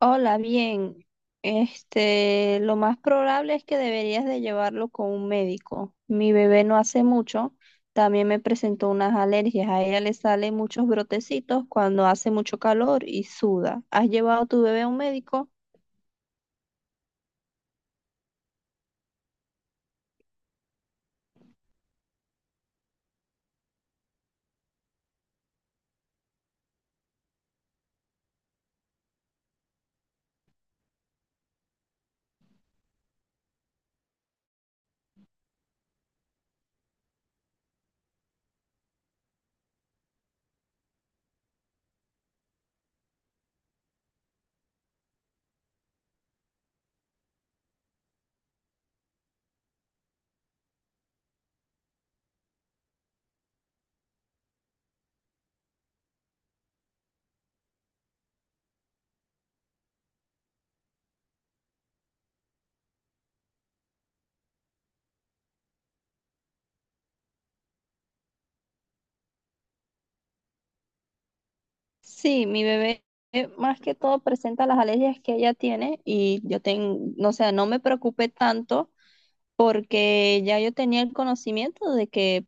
Hola, bien. Lo más probable es que deberías de llevarlo con un médico. Mi bebé no hace mucho, también me presentó unas alergias. A ella le salen muchos brotecitos cuando hace mucho calor y suda. ¿Has llevado a tu bebé a un médico? Sí, mi bebé más que todo presenta las alergias que ella tiene y yo tengo, no sé, no me preocupé tanto porque ya yo tenía el conocimiento de que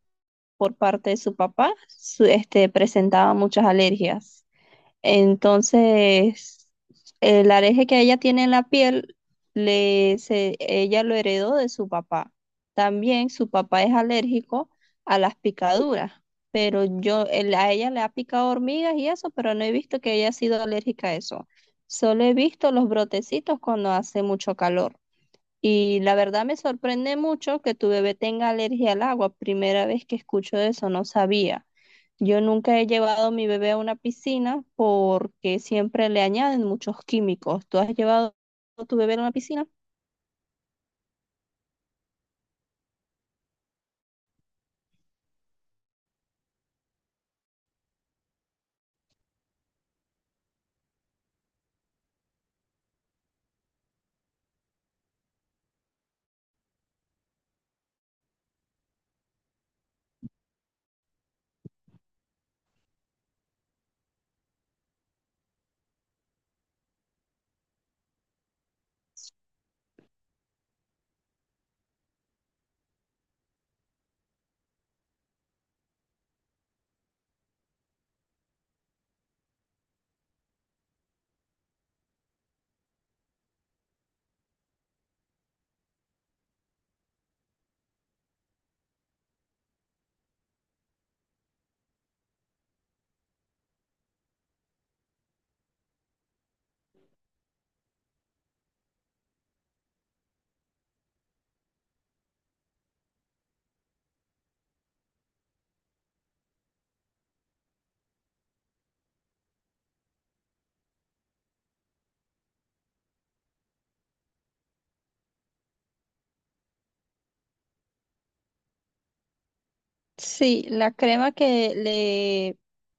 por parte de su papá, presentaba muchas alergias. Entonces, el alergia que ella tiene en la piel, le, se- ella lo heredó de su papá. También su papá es alérgico a las picaduras, pero a ella le ha picado hormigas y eso, pero no he visto que haya sido alérgica a eso. Solo he visto los brotecitos cuando hace mucho calor. Y la verdad me sorprende mucho que tu bebé tenga alergia al agua. Primera vez que escucho eso, no sabía. Yo nunca he llevado a mi bebé a una piscina porque siempre le añaden muchos químicos. ¿Tú has llevado a tu bebé a una piscina? Sí, la crema que le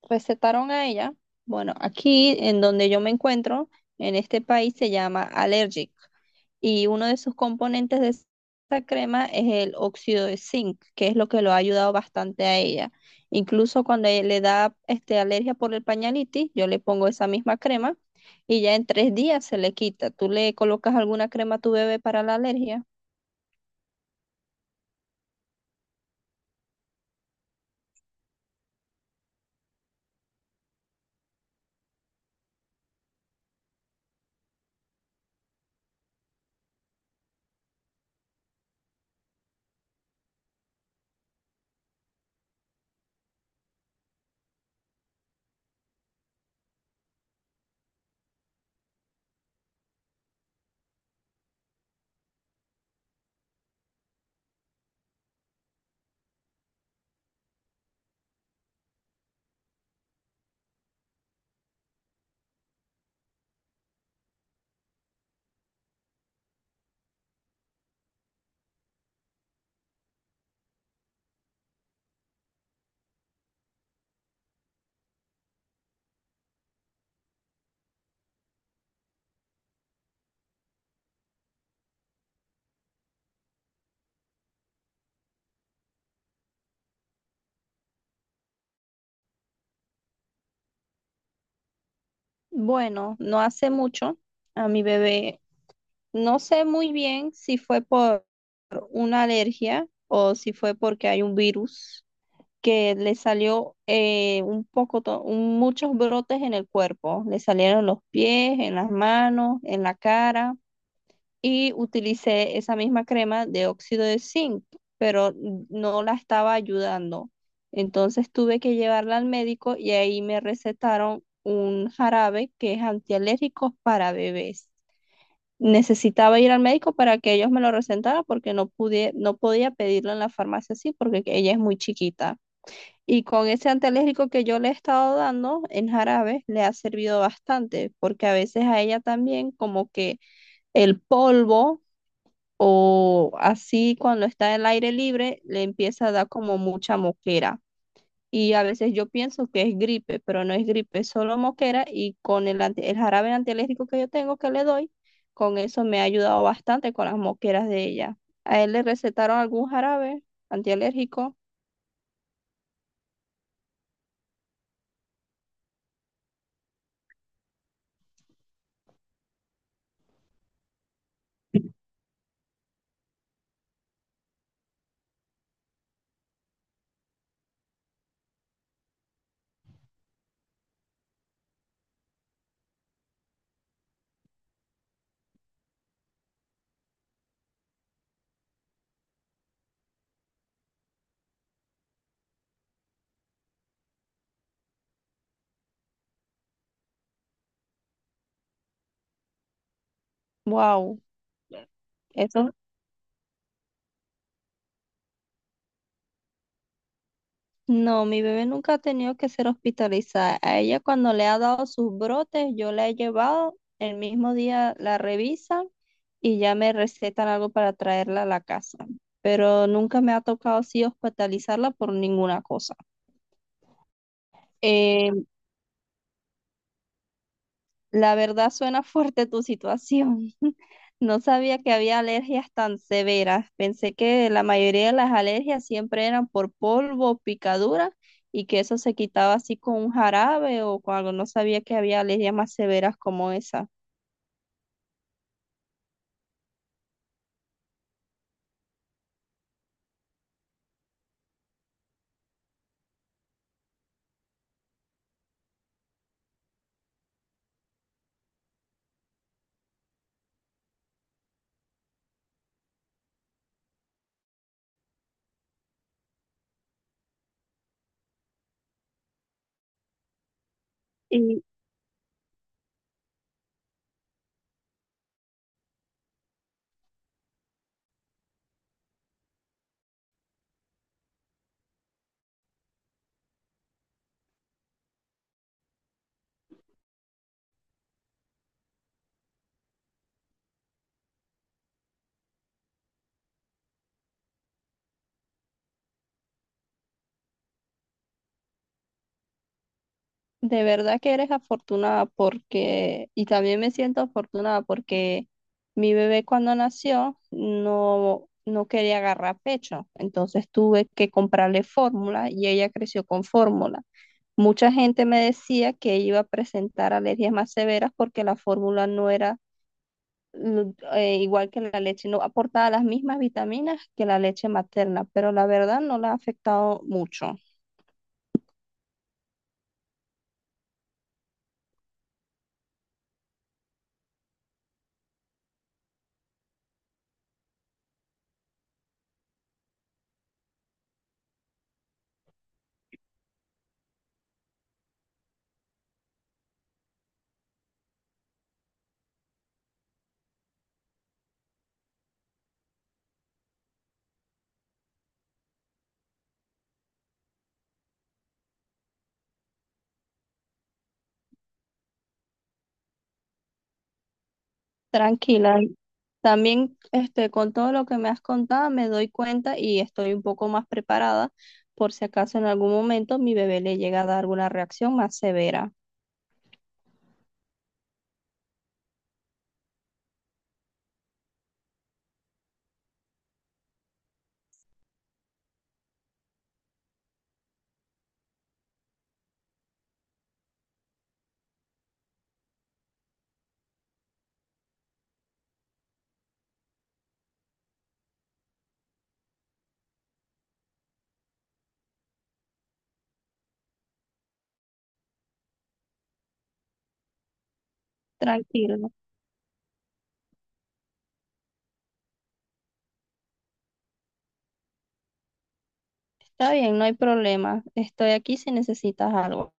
recetaron a ella, bueno, aquí en donde yo me encuentro, en este país se llama Allergic y uno de sus componentes de esa crema es el óxido de zinc, que es lo que lo ha ayudado bastante a ella. Incluso cuando le da alergia por el pañalitis, yo le pongo esa misma crema y ya en tres días se le quita. ¿Tú le colocas alguna crema a tu bebé para la alergia? Bueno, no hace mucho. A mi bebé No sé muy bien si fue por una alergia o si fue porque hay un virus que le salió un poco, muchos brotes en el cuerpo. Le salieron en los pies, en las manos, en la cara y utilicé esa misma crema de óxido de zinc, pero no la estaba ayudando. Entonces tuve que llevarla al médico y ahí me recetaron un jarabe que es antialérgico para bebés. Necesitaba ir al médico para que ellos me lo recetaran porque no podía pedirlo en la farmacia así porque que ella es muy chiquita. Y con ese antialérgico que yo le he estado dando en jarabe, le ha servido bastante, porque a veces a ella también como que el polvo o así cuando está en el aire libre, le empieza a dar como mucha moquera. Y a veces yo pienso que es gripe, pero no es gripe, es solo moquera y con el jarabe antialérgico que yo tengo que le doy, con eso me ha ayudado bastante con las moqueras de ella. ¿A él le recetaron algún jarabe antialérgico? Wow. No, mi bebé nunca ha tenido que ser hospitalizada. A ella cuando le ha dado sus brotes, yo la he llevado, el mismo día la revisan y ya me recetan algo para traerla a la casa. Pero nunca me ha tocado así hospitalizarla por ninguna cosa. Eh, la verdad suena fuerte tu situación. No sabía que había alergias tan severas. Pensé que la mayoría de las alergias siempre eran por polvo, picadura y que eso se quitaba así con un jarabe o con algo. No sabía que había alergias más severas como esa. Y de verdad que eres afortunada porque, y también me siento afortunada porque mi bebé cuando nació no quería agarrar pecho. Entonces tuve que comprarle fórmula y ella creció con fórmula. Mucha gente me decía que iba a presentar alergias más severas porque la fórmula no era igual que la leche, no aportaba las mismas vitaminas que la leche materna, pero la verdad no la ha afectado mucho. Tranquila. También con todo lo que me has contado me doy cuenta y estoy un poco más preparada por si acaso en algún momento mi bebé le llega a dar alguna reacción más severa. Tranquilo. Está bien, no hay problema. Estoy aquí si necesitas algo.